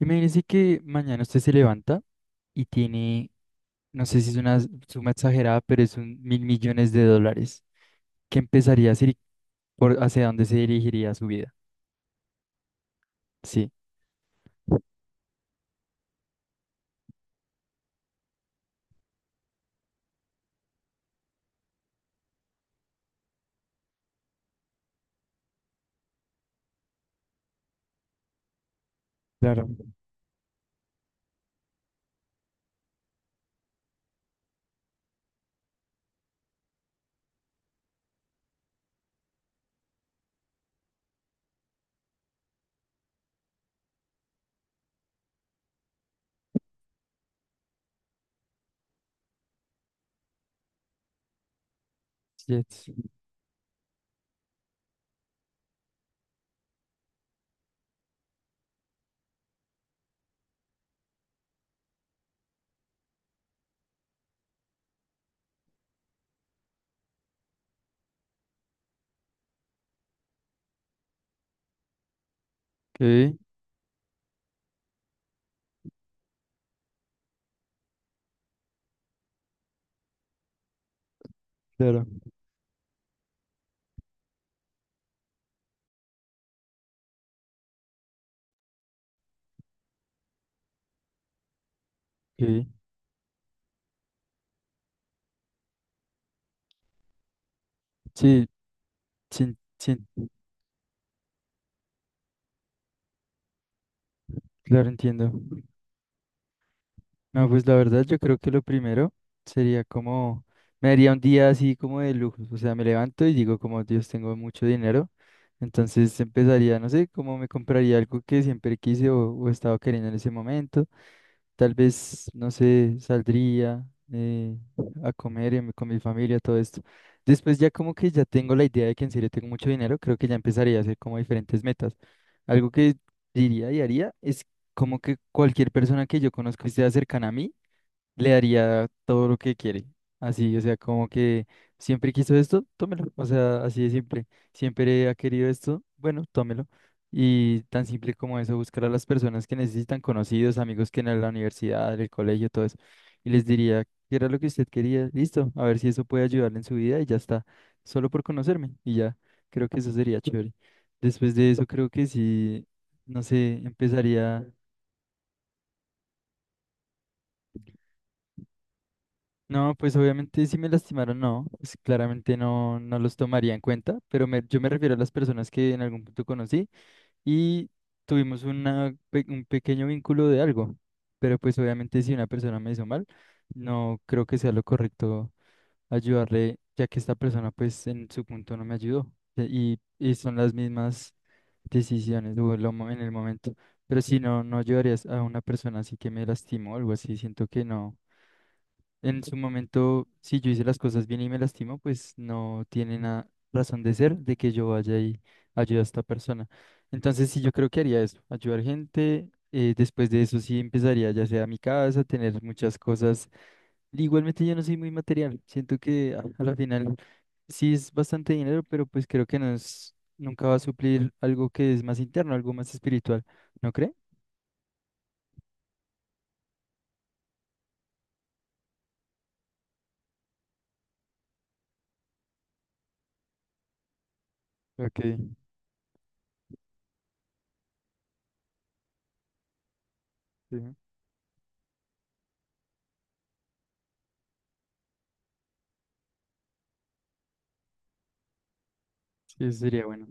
Imagínese que mañana usted se levanta y tiene, no sé si es una suma exagerada, pero es un $1.000.000.000. ¿Qué empezaría a hacer y por hacia dónde se dirigiría su vida? Sí. Claro. Jets. Ok, claro. Ok. Sí, sí, sí, claro, entiendo. No, pues la verdad yo creo que lo primero sería como, me daría un día así como de lujos, o sea, me levanto y digo como Dios, tengo mucho dinero, entonces empezaría, no sé, como me compraría algo que siempre quise o estaba queriendo en ese momento, tal vez, no sé, saldría eh, a comer y con mi familia, todo esto. Después ya como que ya tengo la idea de que en serio tengo mucho dinero, creo que ya empezaría a hacer como diferentes metas. Algo que diría y haría es como que cualquier persona que yo conozco y sea cercana a mí, le daría todo lo que quiere. Así, o sea, como que siempre quiso esto, tómelo. O sea, así de simple. Siempre ha querido esto, bueno, tómelo. Y tan simple como eso, buscar a las personas que necesitan, conocidos, amigos que en la universidad, en el colegio, todo eso. Y les diría, ¿qué era lo que usted quería? Listo, a ver si eso puede ayudarle en su vida y ya está. Solo por conocerme y ya. Creo que eso sería chévere. Después de eso, creo que sí, no sé, empezaría. No, pues obviamente si me lastimaron, no, pues claramente no los tomaría en cuenta, pero yo me refiero a las personas que en algún punto conocí y tuvimos una, un pequeño vínculo de algo, pero pues obviamente si una persona me hizo mal, no creo que sea lo correcto ayudarle, ya que esta persona pues en su punto no me ayudó y son las mismas decisiones o lo en el momento, pero si no, no ayudarías a una persona así que me lastimó o algo así, siento que no. En su momento, si yo hice las cosas bien y me lastimo, pues no tiene nada razón de ser de que yo vaya y ayude a esta persona. Entonces, sí, yo creo que haría eso, ayudar gente. Después de eso, sí empezaría ya sea a mi casa, tener muchas cosas. Igualmente, yo no soy muy material. Siento que a la final sí es bastante dinero, pero pues creo que no es, nunca va a suplir algo que es más interno, algo más espiritual. ¿No cree? Ok, sí, sí, eso sería bueno.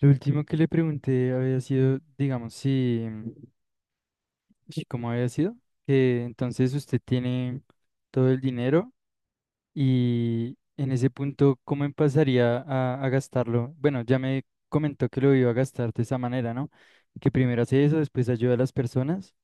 Lo último que le pregunté había sido, digamos, si, si cómo había sido, que entonces usted tiene todo el dinero y en ese punto, ¿cómo empezaría a gastarlo? Bueno, ya me comentó que lo iba a gastar de esa manera, ¿no? Que primero hace eso, después ayuda a las personas.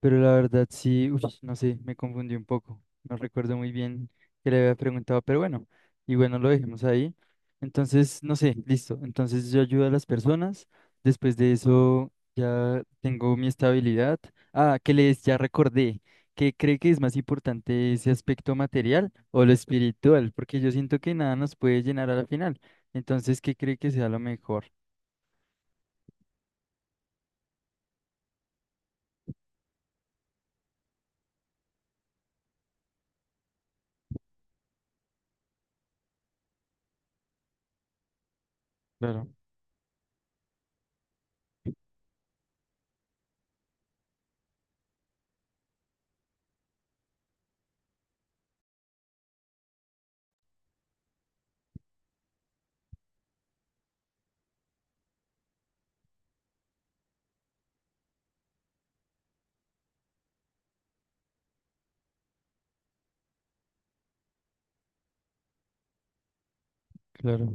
Pero la verdad sí, uy, no sé, me confundí un poco. No recuerdo muy bien que le había preguntado, pero bueno, y bueno, lo dejemos ahí. Entonces, no sé, listo. Entonces yo ayudo a las personas. Después de eso ya tengo mi estabilidad. Ah, que les ya recordé. ¿Qué cree que es más importante ese aspecto material o lo espiritual? Porque yo siento que nada nos puede llenar a la final. Entonces, ¿qué cree que sea lo mejor? Claro, claro.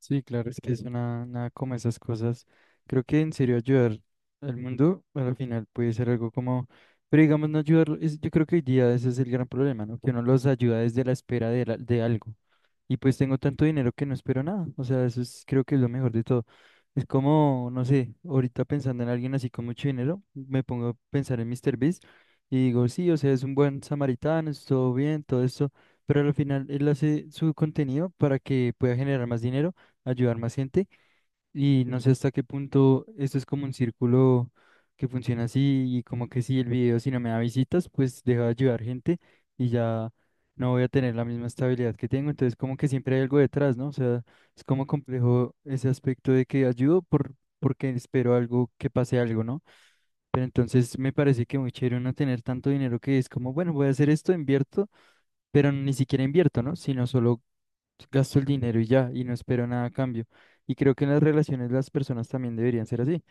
Sí, claro, es que es una, nada como esas cosas. Creo que en serio ayudar al mundo pues, al final puede ser algo como, pero digamos no ayudarlo, yo creo que hoy día ese es el gran problema, ¿no? Que uno los ayuda desde la espera de, de algo. Y pues tengo tanto dinero que no espero nada. O sea, eso es, creo que es lo mejor de todo. Es como, no sé, ahorita pensando en alguien así con mucho dinero, me pongo a pensar en Mr. Beast y digo, sí, o sea, es un buen samaritano, es todo bien, todo esto, pero al final él hace su contenido para que pueda generar más dinero ayudar más gente y no sé hasta qué punto esto es como un círculo que funciona así y como que si el video si no me da visitas, pues deja de ayudar gente y ya no voy a tener la misma estabilidad que tengo, entonces como que siempre hay algo detrás, ¿no? O sea, es como complejo ese aspecto de que ayudo porque espero algo que pase algo, ¿no? Pero entonces me parece que muy chévere no tener tanto dinero que es como, bueno, voy a hacer esto, invierto, pero ni siquiera invierto, ¿no? Sino solo gasto el dinero y ya, y no espero nada a cambio. Y creo que en las relaciones las personas también deberían ser así,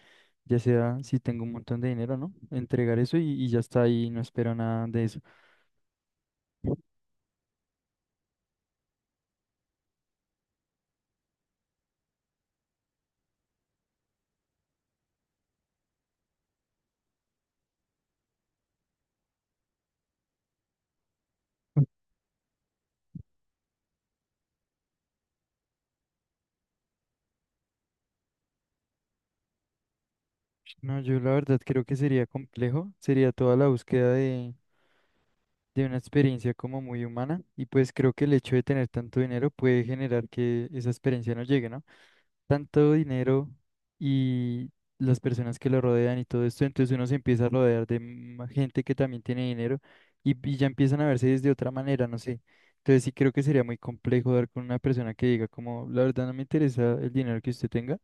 ya sea si tengo un montón de dinero, ¿no? Entregar eso y ya está ahí, no espero nada de eso. No, yo la verdad creo que sería complejo, sería toda la búsqueda de una experiencia como muy humana y pues creo que el hecho de tener tanto dinero puede generar que esa experiencia no llegue, ¿no? Tanto dinero y las personas que lo rodean y todo esto, entonces uno se empieza a rodear de gente que también tiene dinero y ya empiezan a verse desde otra manera, no sé. Entonces sí creo que sería muy complejo dar con una persona que diga como, la verdad no me interesa el dinero que usted tenga.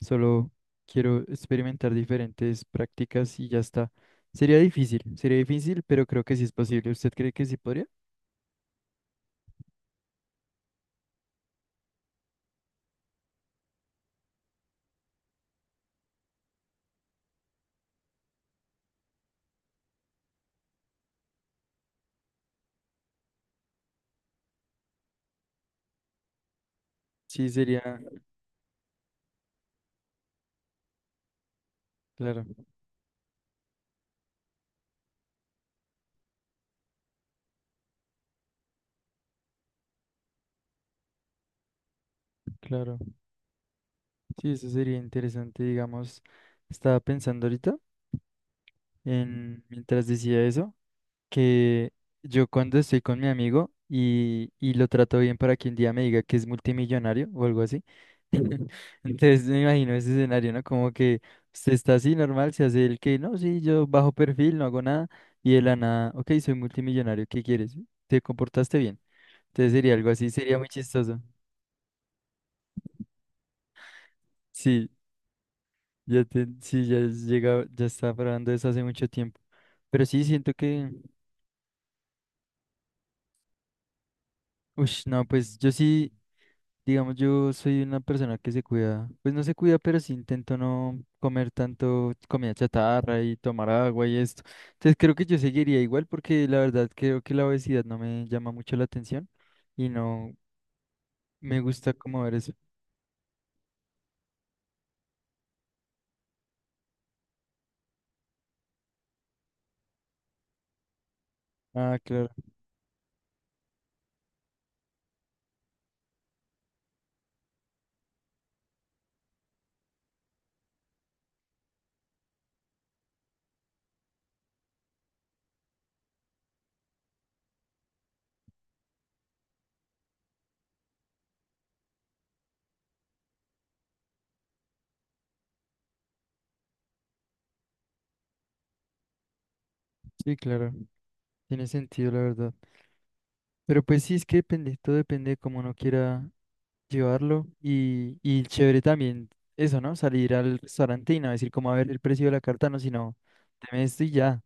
Solo quiero experimentar diferentes prácticas y ya está. Sería difícil, pero creo que sí es posible. ¿Usted cree que sí podría? Sí, sería, claro, claro. Sí, eso sería interesante, digamos. Estaba pensando ahorita en, mientras decía eso. Que yo cuando estoy con mi amigo y lo trato bien para que un día me diga que es multimillonario o algo así. Entonces me imagino ese escenario, ¿no? Como que usted está así normal, se hace el que, no, sí, yo bajo perfil, no hago nada, y de la nada, ok, soy multimillonario, ¿qué quieres? ¿Te comportaste bien? Entonces sería algo así, sería muy chistoso. Sí, ya te, sí, ya es llegado, ya estaba probando eso hace mucho tiempo. Pero sí siento que, uff, no, pues yo sí. Digamos, yo soy una persona que se cuida, pues no se cuida, pero sí intento no comer tanto comida chatarra y tomar agua y esto. Entonces creo que yo seguiría igual porque la verdad creo que la obesidad no me llama mucho la atención y no me gusta como ver eso. Ah, claro, sí, claro, tiene sentido la verdad. Pero pues sí, es que depende, todo depende de cómo uno quiera llevarlo y chévere también eso, ¿no? Salir al restaurante y no decir cómo a ver el precio de la carta, no, sino deme esto y ya.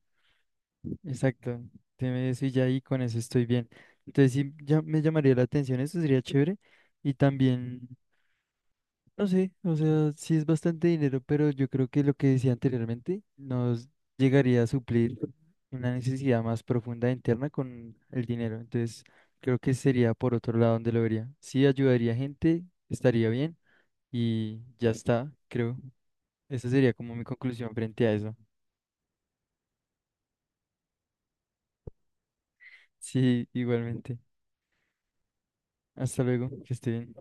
Exacto, tiene eso y ya ahí con eso estoy bien. Entonces sí ya me llamaría la atención, eso sería chévere. Y también, no sé, o sea, sí es bastante dinero, pero yo creo que lo que decía anteriormente nos llegaría a suplir una necesidad más profunda interna con el dinero. Entonces creo que sería por otro lado donde lo vería. Sí ayudaría a gente, estaría bien y ya está, creo. Esa sería como mi conclusión frente a eso. Sí, igualmente. Hasta luego, que esté bien.